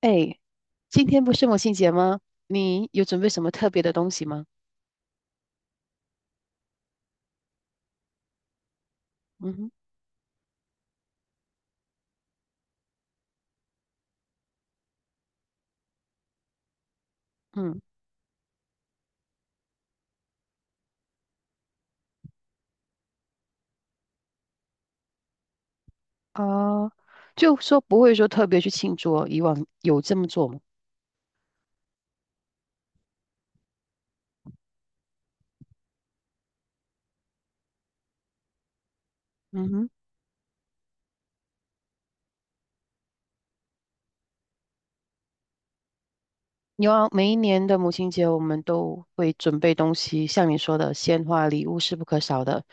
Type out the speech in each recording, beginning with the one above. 哎，今天不是母亲节吗？你有准备什么特别的东西吗？嗯哼。嗯。啊，就说不会说特别去庆祝哦？以往有这么做吗？嗯哼。有啊，每一年的母亲节，我们都会准备东西，像你说的，鲜花、礼物是不可少的。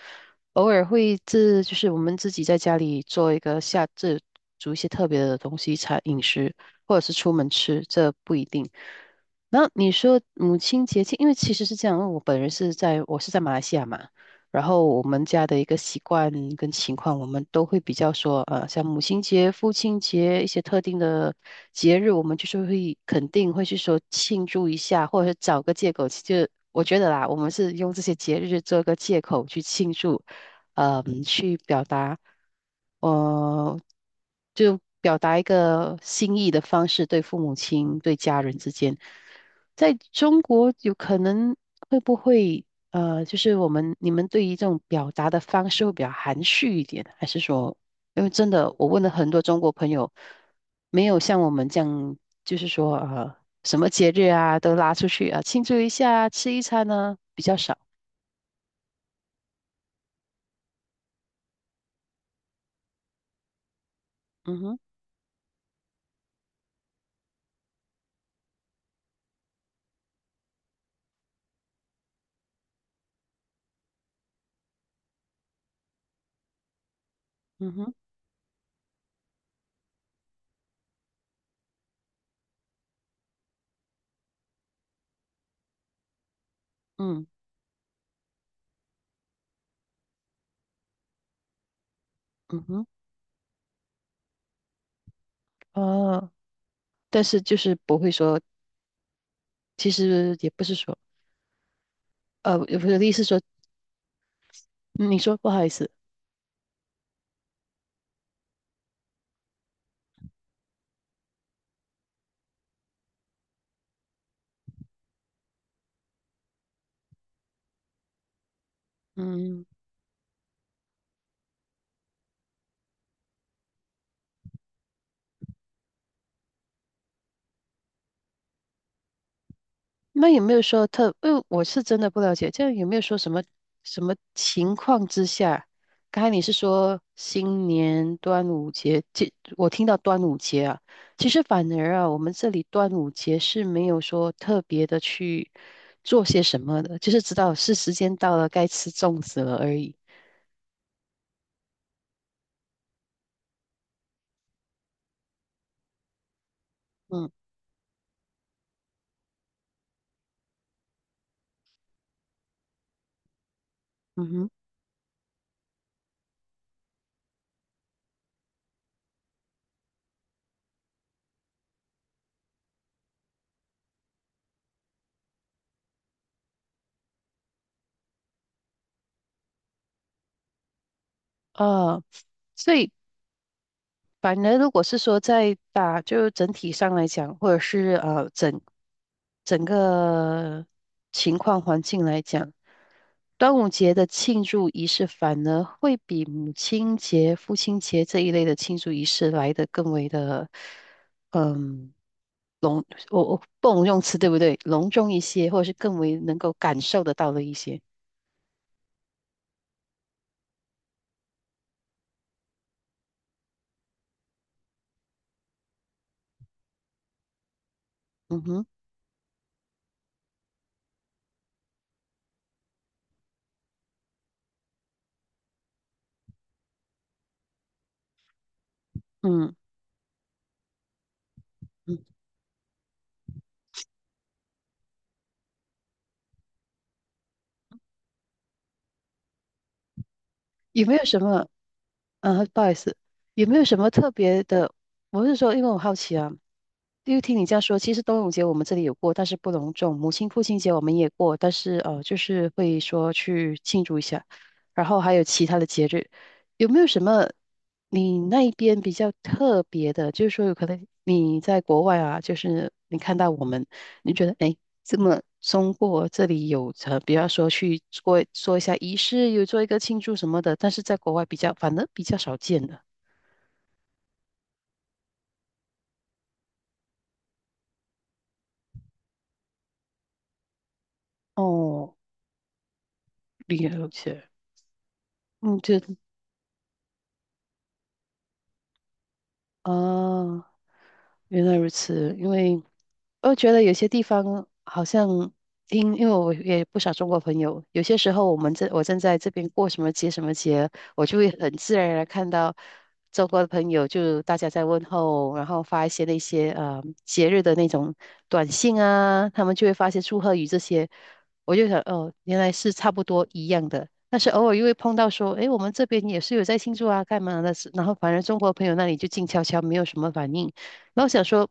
偶尔会自，就是我们自己在家里做一个下，煮一些特别的东西，餐饮食，或者是出门吃，这不一定。然后你说母亲节庆，因为其实是这样，因为我本人是在，我是在马来西亚嘛。然后我们家的一个习惯跟情况，我们都会比较说，像母亲节、父亲节一些特定的节日，我们就是会肯定会去说庆祝一下，或者是找个借口。就我觉得啦，我们是用这些节日做个借口去庆祝，去表达，呃，就表达一个心意的方式，对父母亲、对家人之间，在中国有可能会不会？就是你们对于这种表达的方式会比较含蓄一点，还是说，因为真的我问了很多中国朋友，没有像我们这样，就是说什么节日啊都拉出去啊庆祝一下啊吃一餐呢比较少。嗯哼。嗯哼，嗯嗯哼。哦，但是就是不会说，其实也不是说，我的意思是说，嗯，你说不好意思。嗯。那有没有说特？因为我是真的不了解，这样有没有说什么什么情况之下？刚才你是说新年端午节，我听到端午节啊，其实反而啊，我们这里端午节是没有说特别的去做些什么的，就是知道是时间到了，该吃粽子了而已。嗯嗯哼。啊，所以反而，如果是说在打，就整体上来讲，或者是整个情况环境来讲，端午节的庆祝仪式反而会比母亲节、父亲节这一类的庆祝仪式来得更为的，嗯，隆，我不能用词对不对？隆重一些，或者是更为能够感受得到的一些。嗯哼。嗯。嗯，有没有什么？嗯，不好意思，有没有什么特别的？我是说，因为我好奇啊，因为听你这样说，其实端午节我们这里有过，但是不隆重；母亲、父亲节我们也过，但是就是会说去庆祝一下。然后还有其他的节日，有没有什么你那一边比较特别的？就是说，有可能你在国外啊，就是你看到我们，你觉得诶,这么中国这里有着，比方说去做一下仪式，有做一个庆祝什么的，但是在国外比较，反而比较少见的。哦，了解。嗯，啊，原来如此，因为我觉得有些地方好像因为我也不少中国朋友，有些时候我正在这边过什么节什么节，我就会很自然而然看到中国的朋友，就大家在问候，然后发一些那些节日的那种短信啊，他们就会发一些祝贺语这些，我就想哦，原来是差不多一样的。但是偶尔又会碰到说，诶，我们这边也是有在庆祝啊，干嘛的？然后反正中国朋友那里就静悄悄，没有什么反应。那我想说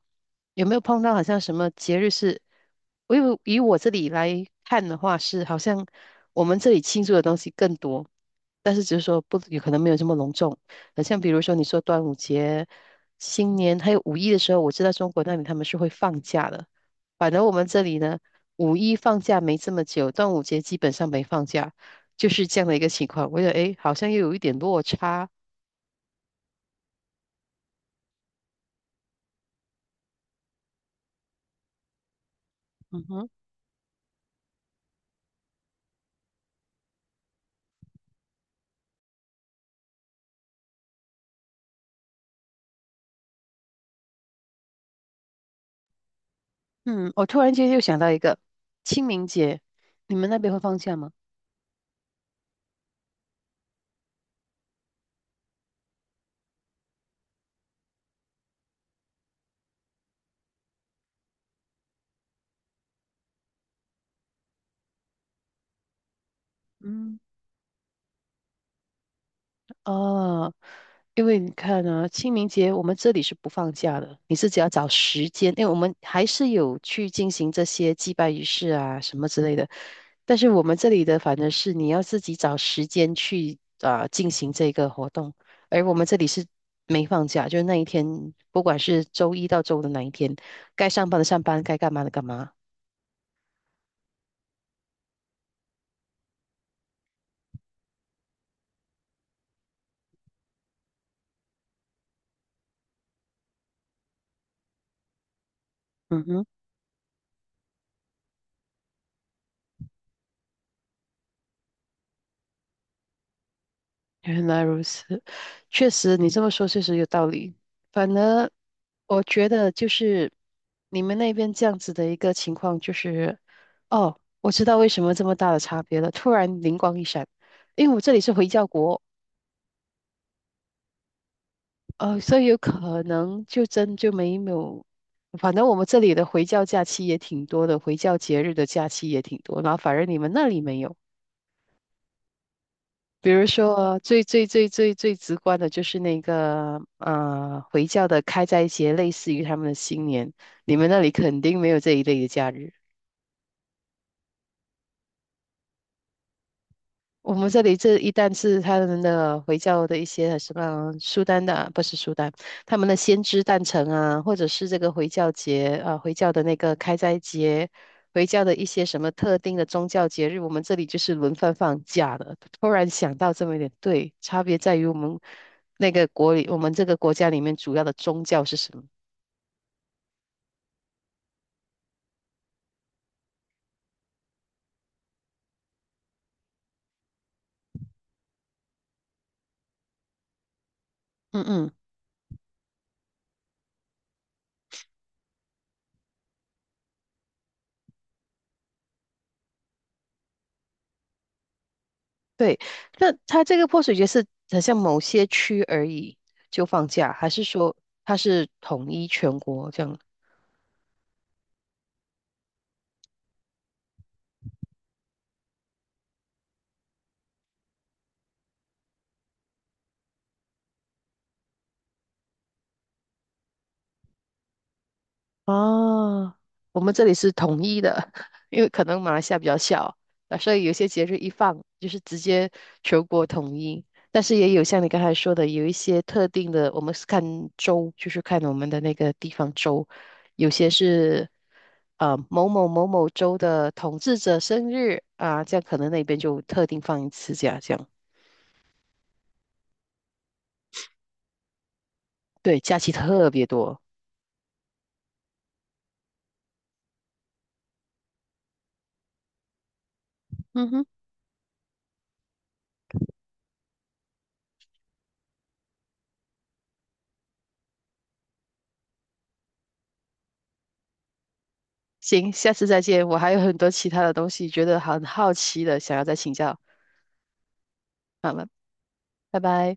有没有碰到好像什么节日是，以我这里来看的话是好像我们这里庆祝的东西更多，但是只是说不有可能没有这么隆重。很像比如说你说端午节、新年还有五一的时候，我知道中国那里他们是会放假的，反正我们这里呢，五一放假没这么久，端午节基本上没放假，就是这样的一个情况。我觉得诶，好像又有一点落差。嗯哼。嗯，我突然间又想到一个清明节，你们那边会放假吗？嗯。哦，因为你看啊，清明节我们这里是不放假的，你自己要找时间，因为我们还是有去进行这些祭拜仪式啊什么之类的，但是我们这里的反正是你要自己找时间去啊、进行这个活动，而我们这里是没放假，就是那一天，不管是周一到周五的哪一天，该上班的上班，该干嘛的干嘛。嗯哼。原来如此，确实你这么说确实有道理。反而我觉得就是你们那边这样子的一个情况，就是哦，我知道为什么这么大的差别了。突然灵光一闪，因为我这里是回教国，所以有可能就真就没有。反正我们这里的回教假期也挺多的，回教节日的假期也挺多，然后反而你们那里没有。比如说，最直观的就是那个回教的开斋节，类似于他们的新年。你们那里肯定没有这一类的假日。我们这里这一旦是他们的回教的一些什么苏丹的啊，不是苏丹，他们的先知诞辰啊，或者是这个回教节啊，回教的那个开斋节，回教的一些什么特定的宗教节日，我们这里就是轮番放假的。突然想到这么一点，对，差别在于我们那个国里，我们这个国家里面主要的宗教是什么？嗯。嗯。对，那它这个泼水节是好像某些区而已就放假，还是说它是统一全国这样？哦，我们这里是统一的，因为可能马来西亚比较小，啊，所以有些节日一放就是直接全国统一。但是也有像你刚才说的，有一些特定的，我们是看州，就是看我们的那个地方州，有些是。某某某某州的统治者生日啊，这样可能那边就特定放一次假，这样对，假期特别多。嗯哼，行，下次再见。我还有很多其他的东西觉得很好奇的，想要再请教。好了，拜拜。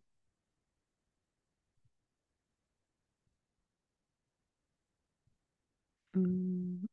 嗯。